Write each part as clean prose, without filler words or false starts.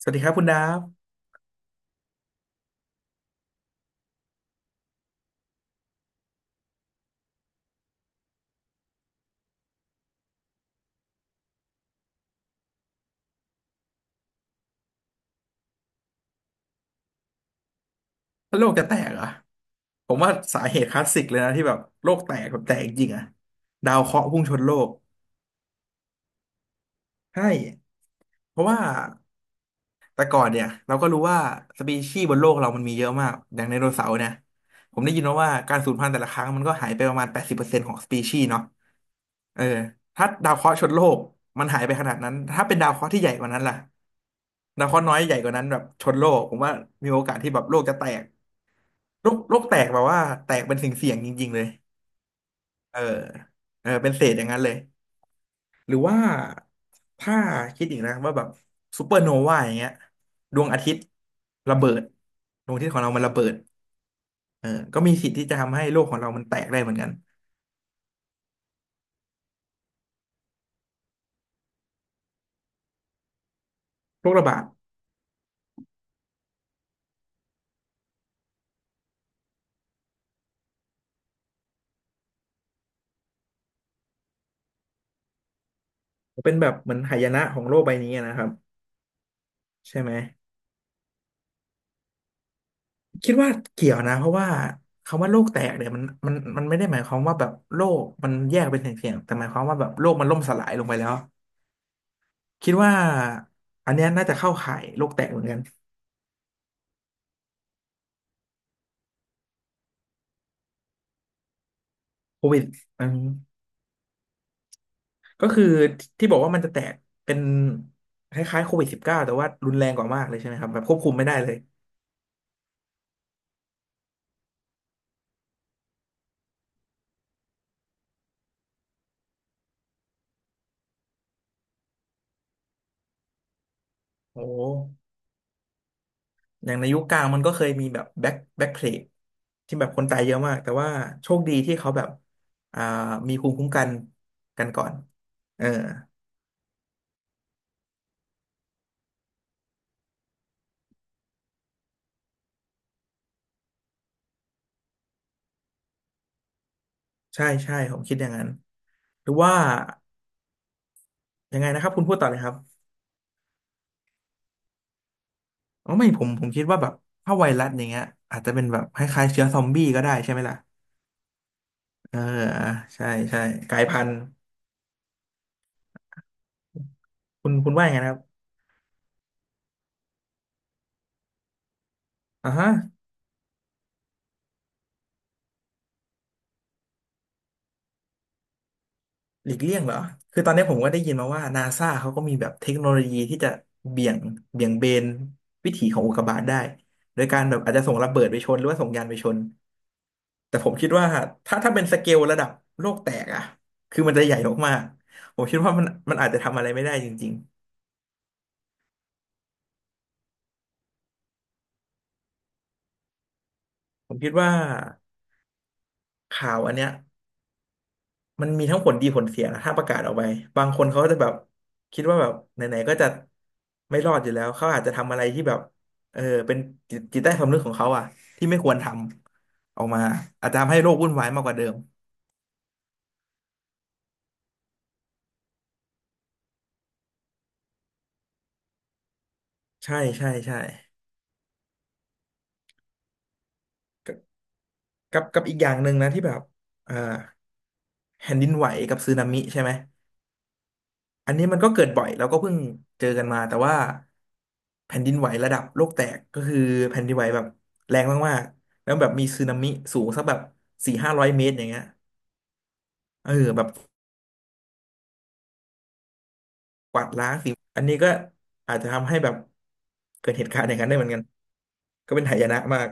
สวัสดีครับคุณดาฟแล้วโลกจะแตกเหรอผมว่าสาเหตุคลาสสิกเลยนะที่แบบโลกแตกแบบแตกจริงอะดาวเคราะห์พุ่งชนโลกใช่เพราะว่าแต่ก่อนเนี่ยเราก็รู้ว่าสปีชีส์บนโลกเรามันมีเยอะมากอย่างไดโนเสาร์เนี่ยผมได้ยินมาว่าการสูญพันธุ์แต่ละครั้งมันก็หายไปประมาณ80%ของสปีชีส์เนาะเออถ้าดาวเคราะห์ชนโลกมันหายไปขนาดนั้นถ้าเป็นดาวเคราะห์ที่ใหญ่กว่านั้นล่ะดาวเคราะห์น้อยใหญ่กว่านั้นแบบชนโลกผมว่ามีโอกาสที่แบบโลกจะแตกโลกโลกแตกแบบว่าแตกเป็นสิ่งเสี่ยงๆจริงๆเลย เออเออเป็นเศษอย่างนั้นเลยหรือว่าถ้าคิดอีกนะว่าแบบซูเปอร์โนวาอย่างเงี้ยดวงอาทิตย์ระเบิดดวงอาทิตย์ของเรามันระเบิดเออก็มีสิทธิ์ที่จะทำให้โลกของเรามันแตกได้เหมือนกันโรคระบาดเป็นแบบเหมือนหายนะของโลกใบนี้นะครับใช่ไหมคิดว่าเกี่ยวนะเพราะว่าคำว่าโลกแตกเนี่ยมันไม่ได้หมายความว่าแบบโลกมันแยกเป็นเสี่ยงๆแต่หมายความว่าแบบโลกมันล่มสลายลงไปแล้วคิดว่าอันเนี้ยน่าจะเข้าข่ายโลกแตกเหมือนกันโควิดอืม ก็คือที่บอกว่ามันจะแตกเป็นคล้ายๆCOVID-19แต่ว่ารุนแรงกว่ามากเลยใช่ไหมครับแบบควบคุมไม่ได้เลยโอ้อย่างในยุคกลางมันก็เคยมีแบบแบ็คเพลกที่แบบคนตายเยอะมากแต่ว่าโชคดีที่เขาแบบอ่ามีภูมิคุ้มกันกันก่อนเออใช่ใช่ผมคิดอย่างนั้นหรือว่ายังไงนะครับคุณพูดต่อเลยครับอ๋อไม่ผมคิดว่าแบบถ้าไวรัสอย่างเงี้ยอาจจะเป็นแบบคล้ายๆเชื้อซอมบี้ก็ได้ใช่ไหมล่ะเออใช่ใช่กลายพันธุ์ คุณว่ายังไงนะครับอ่าฮะหลีกเลี่ยงเหรอ คือตอนนี้ผมก็ได้ยินมาว่านาซาเขาก็มีแบบเทคโนโลยีที่จะเบี่ยงเบี่ยงเบนวิถีของอุกกาบาตได้โดยการแบบอาจจะส่งระเบิดไปชนหรือว่าส่งยานไปชน แต่ผมคิดว่าถ้าเป็นสเกลระดับโลกแตกอะคือมันจะใหญ่มากๆผมคิดว่ามันมันอาจจะทำอะไรไม่ได้จริงๆ ผมคิดว่าข่าวอันเนี้ย มันมีทั้งผลดีผลเสียนะถ้าประกาศออกไปบางคนเขาก็จะแบบคิดว่าแบบไหนๆก็จะไม่รอดอยู่แล้วเขาอาจจะทำอะไรที่แบบเออเป็นจิตจิตใต้สำนึกของเขาอะที่ไม่ควรทำออกมาอาจจะทำให้โลกวุ่นวายมากกว่าเดิมใช่ใช่ใช่กับอีกอย่างหนึ่งนะที่แบบอ่าแผ่นดินไหวกับสึนามิใช่ไหม อันนี้มันก็เกิดบ่อยแล้วก็เพิ่งเจอกันมาแต่ว่าแผ่นดินไหวระดับโลกแตกก็คือแผ่นดินไหวแบบแรงมากๆแล้วแบบมีสึนามิสูงสักแบบสี่ห้าร้อยเมตรอย่างเงี้ยเออแบบกวาดล้างสิงอันนี้ก็อาจจะทำให้แบบเกิดเหตุการณ์อย่างนั้นได้เหมือนกันก็เป็นหายนะมาก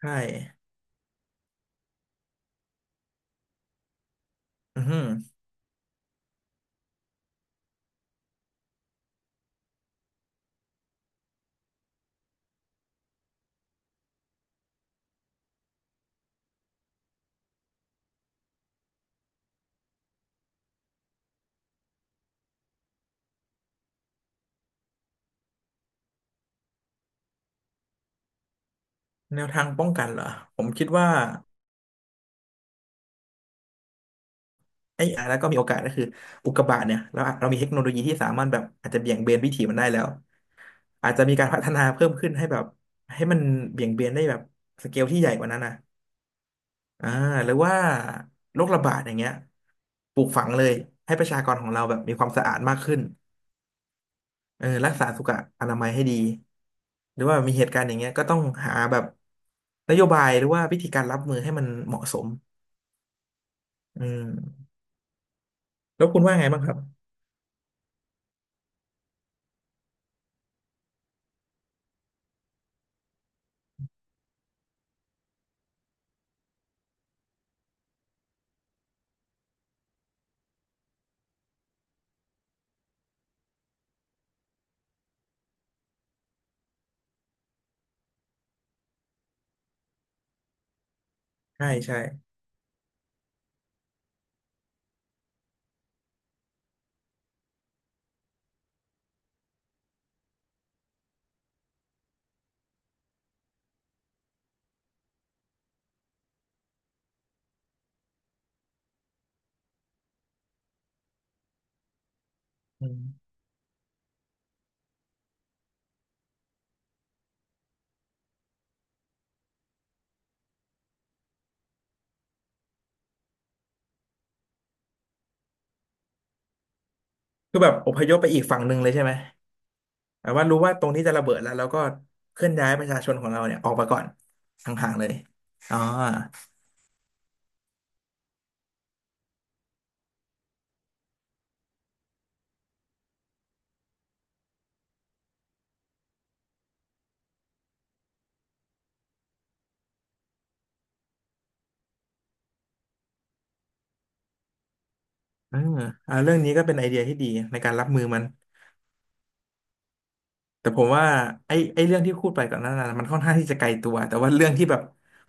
ใช่อือหือแนวทางป้องกันเหรอผมคิดว่า ไอ้อ่ะแล้วก็มีโอกาสก็คืออุกกาบาตเนี่ยเรามีเทคโนโลยีที่สามารถแบบอาจจะเบี่ยงเบนวิถีมันได้แล้วอาจจะมีการพัฒนาเพิ่มขึ้นให้แบบให้มันเบี่ยงเบนได้แบบสเกลที่ใหญ่กว่านั้นนะอ่าหรือว่าโรคระบาดอย่างเงี้ยปลูกฝังเลยให้ประชากรของเราแบบมีความสะอาดมากขึ้นเออรักษาสุขอนามัยให้ดีหรือว่ามีเหตุการณ์อย่างเงี้ยก็ต้องหาแบบนโยบายหรือว่าวิธีการรับมือให้มันเหมาะสมอืมแล้วคุณว่าไงบ้างครับใช่ใช่อืม คือแบบอพยพไปอีกฝั่งหนึ่งเลยใช่ไหมแบบว่ารู้ว่าตรงนี้จะระเบิดแล้วเราก็เคลื่อนย้ายประชาชนของเราเนี่ยออกมาก่อนห่างๆเลยอ๋อเอออ่าเรื่องนี้ก็เป็นไอเดียที่ดีในการรับมือมันแต่ผมว่าไอ้เรื่องที่พูดไปก่อนหนั้นน่ะมันค่อนข้างที่จะไกลตัวแต่ว่าเรื่องที่แบบ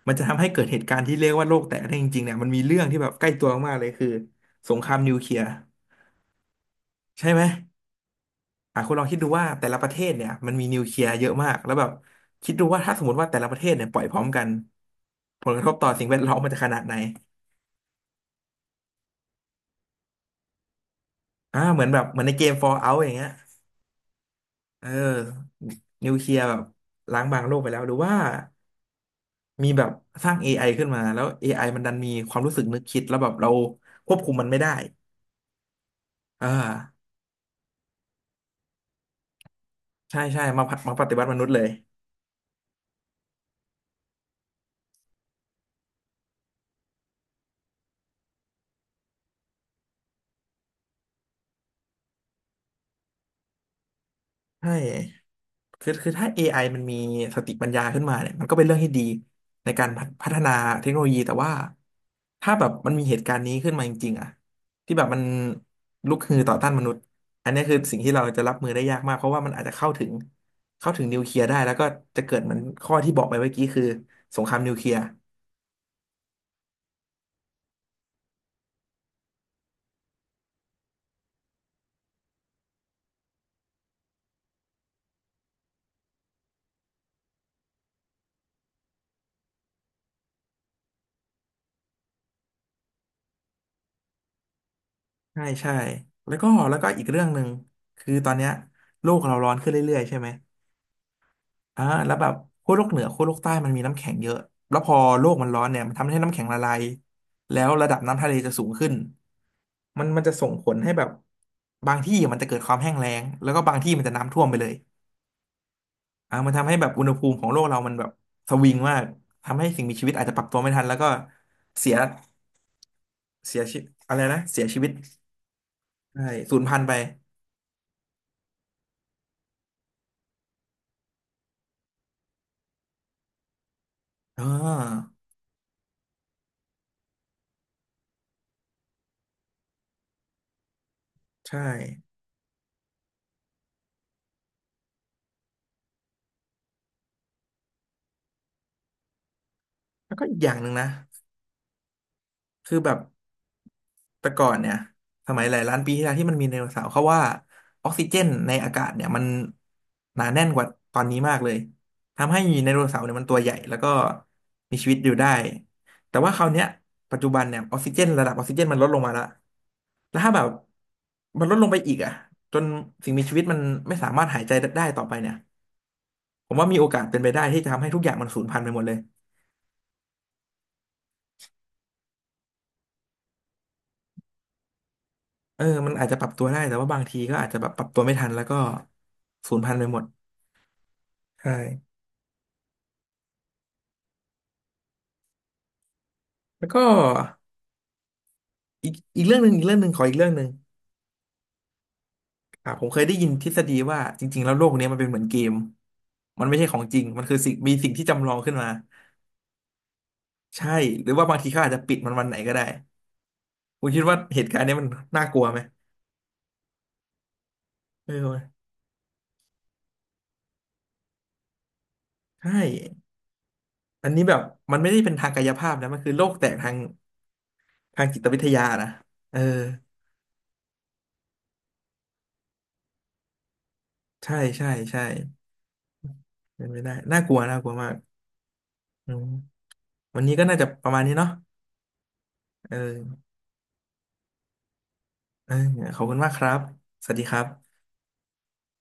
มันจะทำให้เกิดเหตุการณ์ที่เรียกว่าโลกแตกได้จริงๆเนี่ยมันมีเรื่องที่แบบใกล้ตัวมากๆเลยคือสงครามนิวเคลียร์ใช่ไหม อ่ะคุณลองคิดดูว่าแต่ละประเทศเนี่ยมันมีนิวเคลียร์เยอะมากแล้วแบบคิดดูว่าถ้าสมมติว่าแต่ละประเทศเนี่ยปล่อยพร้อมกันผลกระทบต่อสิ่งแวดล้อมมันจะขนาดไหนเหมือนแบบเหมือนในเกม Fallout อย่างเงี้ยเออนิวเคลียร์แบบล้างบางโลกไปแล้วหรือว่ามีแบบสร้าง AI ขึ้นมาแล้ว AI มันดันมีความรู้สึกนึกคิดแล้วแบบเราควบคุมมันไม่ได้อ่าใช่ใช่มาปฏิวัติมนุษย์เลย ใช่คือคือถ้า AI มันมีสติปัญญาขึ้นมาเนี่ยมันก็เป็นเรื่องที่ดีในการพัฒนาเทคโนโลยี แต่ว่าถ้าแบบมันมีเหตุการณ์นี้ขึ้นมาจริงๆอะที่แบบมันลุกฮือต่อต้านมนุษย์ อันนี้คือสิ่งที่เราจะรับมือได้ยากมาก เพราะว่ามันอาจจะเข้าถึงนิวเคลียร์ได้ แล้วก็จะเกิดเหมือนข้อที่บอกไปเมื่อกี้คือสงครามนิวเคลียร์ใช่ ใช่แล้วก็อีกเรื่องหนึ่งคือตอนเนี้ยโลกเราร้อนขึ้นเรื่อยๆใช่ไหม แล้วแบบขั้วโลกเหนือขั้วโลกใต้มันมีน้ำแข็งเยอะแล้วพอโลกมันร้อนเนี่ยมันทำให้น้ำแข็งละลายแล้วระดับน้ำทะเลจะสูงขึ้นมันจะส่งผลให้แบบบางที่มันจะเกิดความแห้งแล้งแล้วก็บางที่มันจะน้ำท่วมไปเลยมันทำให้แบบอุณหภูมิของโลกเรามันแบบสวิงมากทำให้สิ่งมีชีวิตอาจจะปรับตัวไม่ทันแล้วก็เสียเสียชีอะไรนะเสียชีวิตใช่สูญพันธุ์ไปอ่าใช่แล้วก็อีกอย่างหนึ่งนะคือแบบ แต่ก่อนเนี่ยสมัยหลายล้านปีที่แล้วที่มันมีไดโนเสาร์เขาว่าออกซิเจนในอากาศเนี่ยมันหนาแน่นกว่าตอนนี้มากเลยทำให้ไดโนเสาร์เนี่ยมันตัวใหญ่แล้วก็มีชีวิตอยู่ได้แต่ว่าคราวเนี้ยปัจจุบันเนี่ยออกซิเจนระดับออกซิเจนมันลดลงมาแล้วแล้วถ้าแบบมันลดลงไปอีกอะจนสิ่งมีชีวิตมันไม่สามารถหายใจได้ต่อไปเนี่ยผมว่ามีโอกาสเป็นไปได้ที่จะทำให้ทุกอย่างมันสูญพันธุ์ไปหมดเลยเออมันอาจจะปรับตัวได้แต่ว่าบางทีก็อาจจะแบบปรับตัวไม่ทันแล้วก็สูญพันธุ์ไปหมดใช่ แล้วก็อีกเรื่องหนึ่งอีกเรื่องหนึ่งขออีกเรื่องหนึ่งผมเคยได้ยินทฤษฎีว่าจริงๆแล้วโลกเนี้ยมันเป็นเหมือนเกมมันไม่ใช่ของจริงมันคือสิ่งที่จำลองขึ้นมาใช่หรือว่าบางทีเขาอาจจะปิดมันวันไหนก็ได้คุณคิดว่าเหตุการณ์เนี้ยมันน่ากลัวไหมเออใช่อันนี้แบบมันไม่ได้เป็นทางกายภาพนะมันคือโลกแตกทางทางจิตวิทยานะเออใช่ใช่ใช่เป็นไม่ได้น่ากลัวน่ากลัวมากอืมวันนี้ก็น่าจะประมาณนี้เนาะเออเออขอบคุณมากครับสวัสดีครับ